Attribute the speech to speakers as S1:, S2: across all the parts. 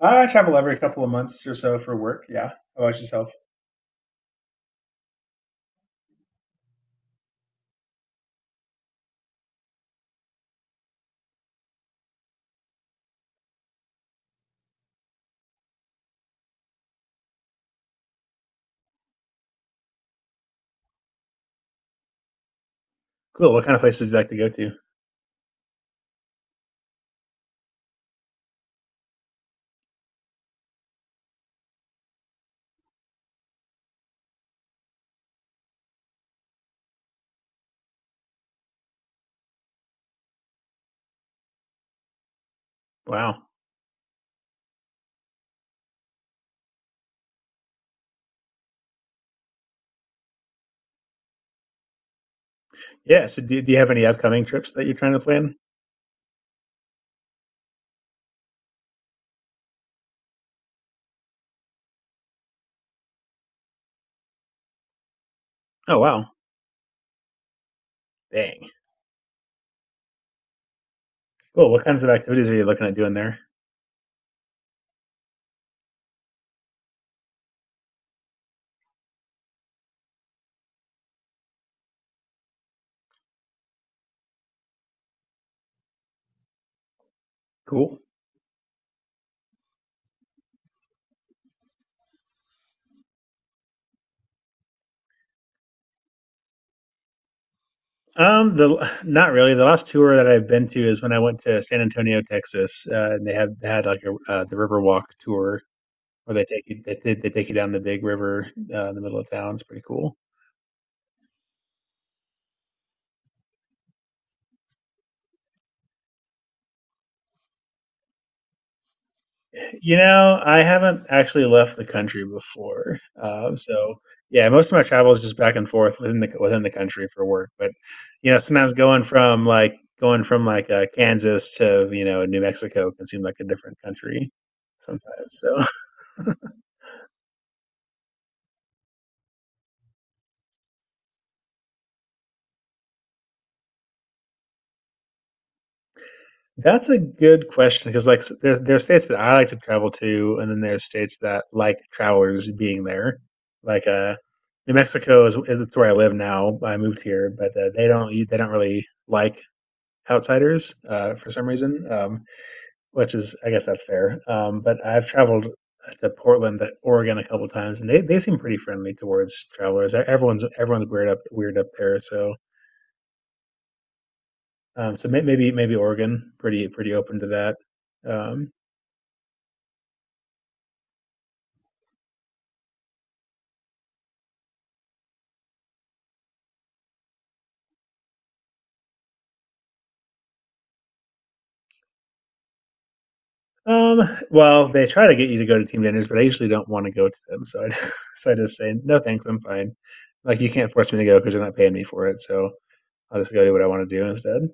S1: I travel every couple of months or so for work. Yeah. How about yourself? Cool. What kind of places do you like to go to? Wow. Yeah. So, do you have any upcoming trips that you're trying to plan? Oh, wow. Dang. Cool. What kinds of activities are you looking at doing there? Cool. The not really. The last tour that I've been to is when I went to San Antonio, Texas, and they had like a the Riverwalk tour where they take you down the big river in the middle of town. It's pretty cool. You know, I haven't actually left the country before, so yeah, most of my travel is just back and forth within the country for work. But you know, sometimes going from like Kansas to you know New Mexico can seem like a different country sometimes. So that's a good question because like there are states that I like to travel to, and then there's states that like travelers being there. Like New Mexico is it's where I live now. I moved here, but they don't really like outsiders for some reason, which is I guess that's fair. But I've traveled to Portland, Oregon, a couple times, and they seem pretty friendly towards travelers. Everyone's weird up there, so so maybe Oregon pretty pretty open to that. Um, um, well, they try to get you to go to team dinners, but I usually don't want to go to them, so I so I just say no thanks, I'm fine. Like you can't force me to go because they're not paying me for it, so I'll just go do what I want to do instead.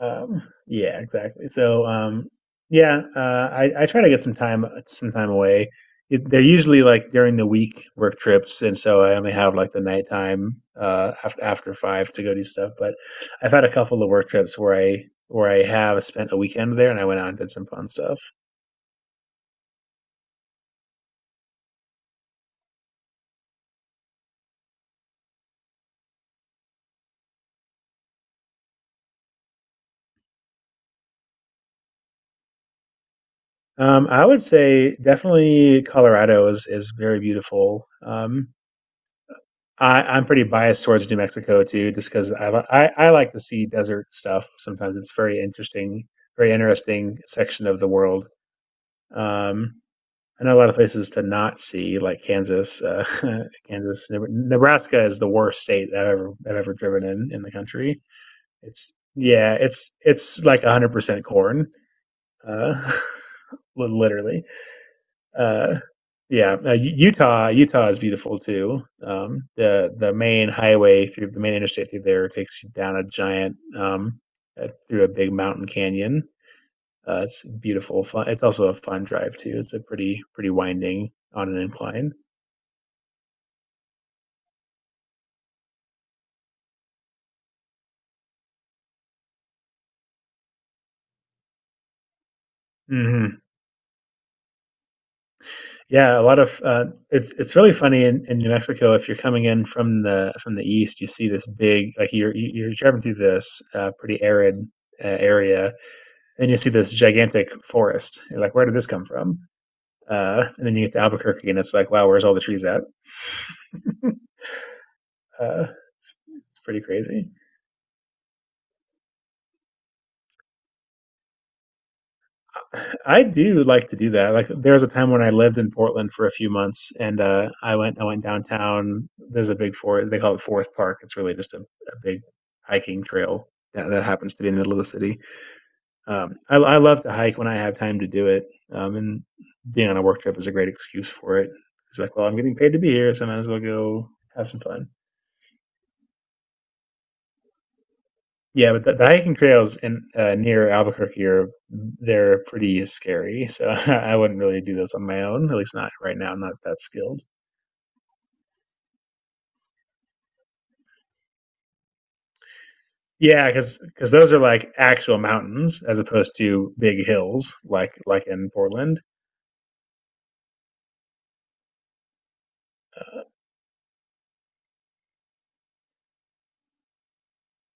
S1: Yeah, exactly. So, yeah, I try to get some time away. It, they're usually like during the week work trips, and so I only have like the nighttime after after five to go do stuff. But I've had a couple of work trips where I have spent a weekend there, and I went out and did some fun stuff. I would say definitely Colorado is very beautiful. I'm pretty biased towards New Mexico too, just because I, I like to see desert stuff. Sometimes it's very interesting section of the world. Um, I know a lot of places to not see, like Kansas. Kansas, Nebraska is the worst state I've ever driven in the country. It's yeah, it's like 100% corn, uh, literally uh, yeah, uh, Utah, Utah is beautiful too. The main interstate through there takes you down a giant through a big mountain canyon. It's beautiful. Fun. It's also a fun drive too. It's a pretty pretty winding on an incline. Hmm. Yeah, a lot of it's really funny in New Mexico. If you're coming in from the east, you see this big like you're driving through this pretty arid area, and you see this gigantic forest. You're like, where did this come from? And then you get to Albuquerque, and it's like, wow, where's all the trees at? Uh, it's pretty crazy. I do like to do that. Like there was a time when I lived in Portland for a few months, and uh, I went downtown. There's a big forest, they call it Forest Park. It's really just a big hiking trail that, that happens to be in the middle of the city. Um, I love to hike when I have time to do it. Um, and being on a work trip is a great excuse for it. It's like, well, I'm getting paid to be here, so I might as well go have some fun. Yeah, but the hiking trails in near Albuquerque are they're pretty scary. So I wouldn't really do those on my own, at least not right now. I'm not that skilled. Yeah, because those are like actual mountains as opposed to big hills like in Portland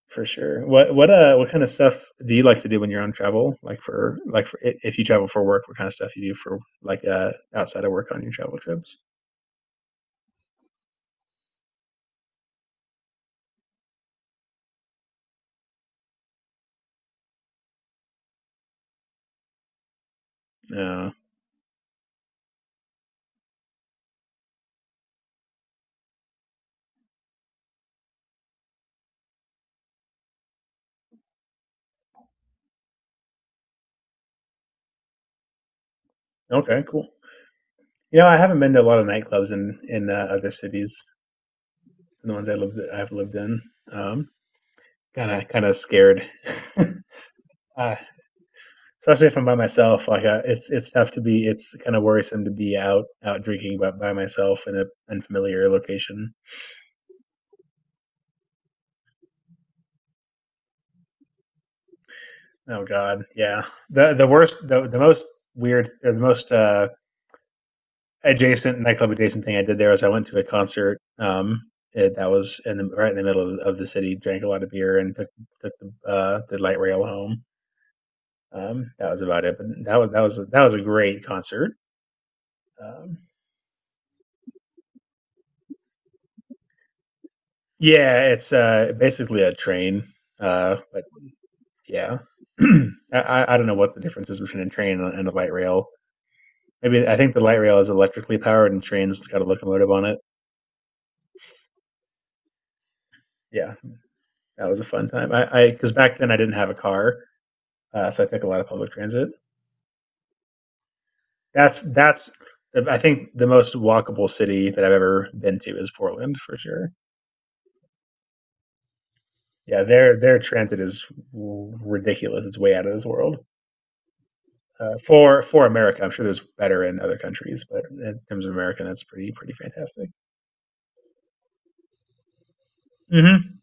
S1: for sure. What what kind of stuff do you like to do when you're on travel? Like for if you travel for work, what kind of stuff you do for like uh, outside of work on your travel trips? Yeah. Okay. Cool. You know, I haven't been to a lot of nightclubs in other cities than the ones I've lived in. Um, kind of scared, uh, especially if I'm by myself. Like it's tough to be. It's kind of worrisome to be out out drinking by myself in a unfamiliar location. Oh God, yeah. The worst, the most weird, or the most adjacent nightclub adjacent thing I did there was I went to a concert. It, that was in the, right in the middle of, the city. Drank a lot of beer and took, took the light rail home. That was about it. But that was that was a great concert. Um, yeah, it's basically a train. But yeah, I, I don't know what the difference is between a train and a light rail. Maybe I think the light rail is electrically powered, and trains got a locomotive on it. Yeah, that was a fun time. I because back then I didn't have a car, so I took a lot of public transit. That's I think the most walkable city that I've ever been to is Portland for sure. Yeah, their transit is ridiculous. It's way out of this world. For America, I'm sure there's better in other countries, but in terms of America, that's pretty pretty fantastic. Hmm.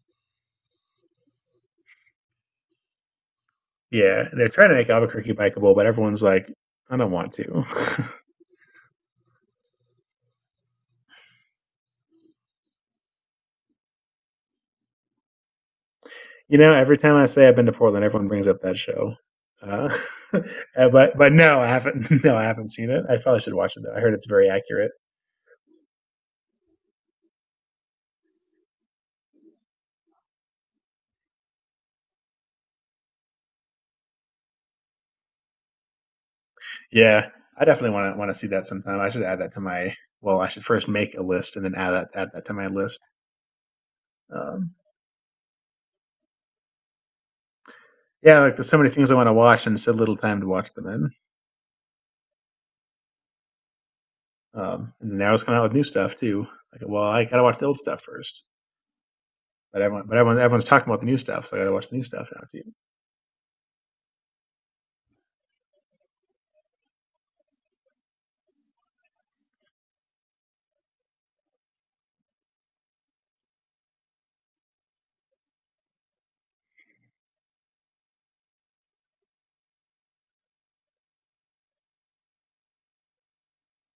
S1: Yeah, they're trying to make Albuquerque bikeable, but everyone's like, I don't want to. You know, every time I say I've been to Portland, everyone brings up that show. Uh, but no, I haven't. No, I haven't seen it. I probably should watch it though. I heard it's very accurate. Yeah, I definitely want to see that sometime. I should add that to my. Well, I should first make a list, and then add that to my list. Um, yeah, like there's so many things I want to watch and so little time to watch them in. And they always come out with new stuff too. Like, well, I gotta watch the old stuff first. But everyone, everyone's talking about the new stuff, so I got to watch the new stuff now too.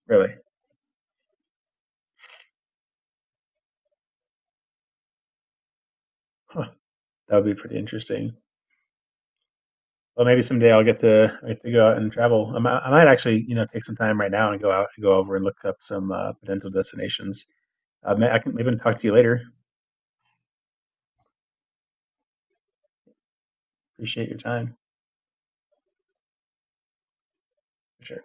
S1: Really, huh. That would be pretty interesting. Well, maybe someday I'll get to go out and travel. I might actually, you know, take some time right now and go out, and go over and look up some potential destinations. I can maybe talk to you later. Appreciate your time for sure.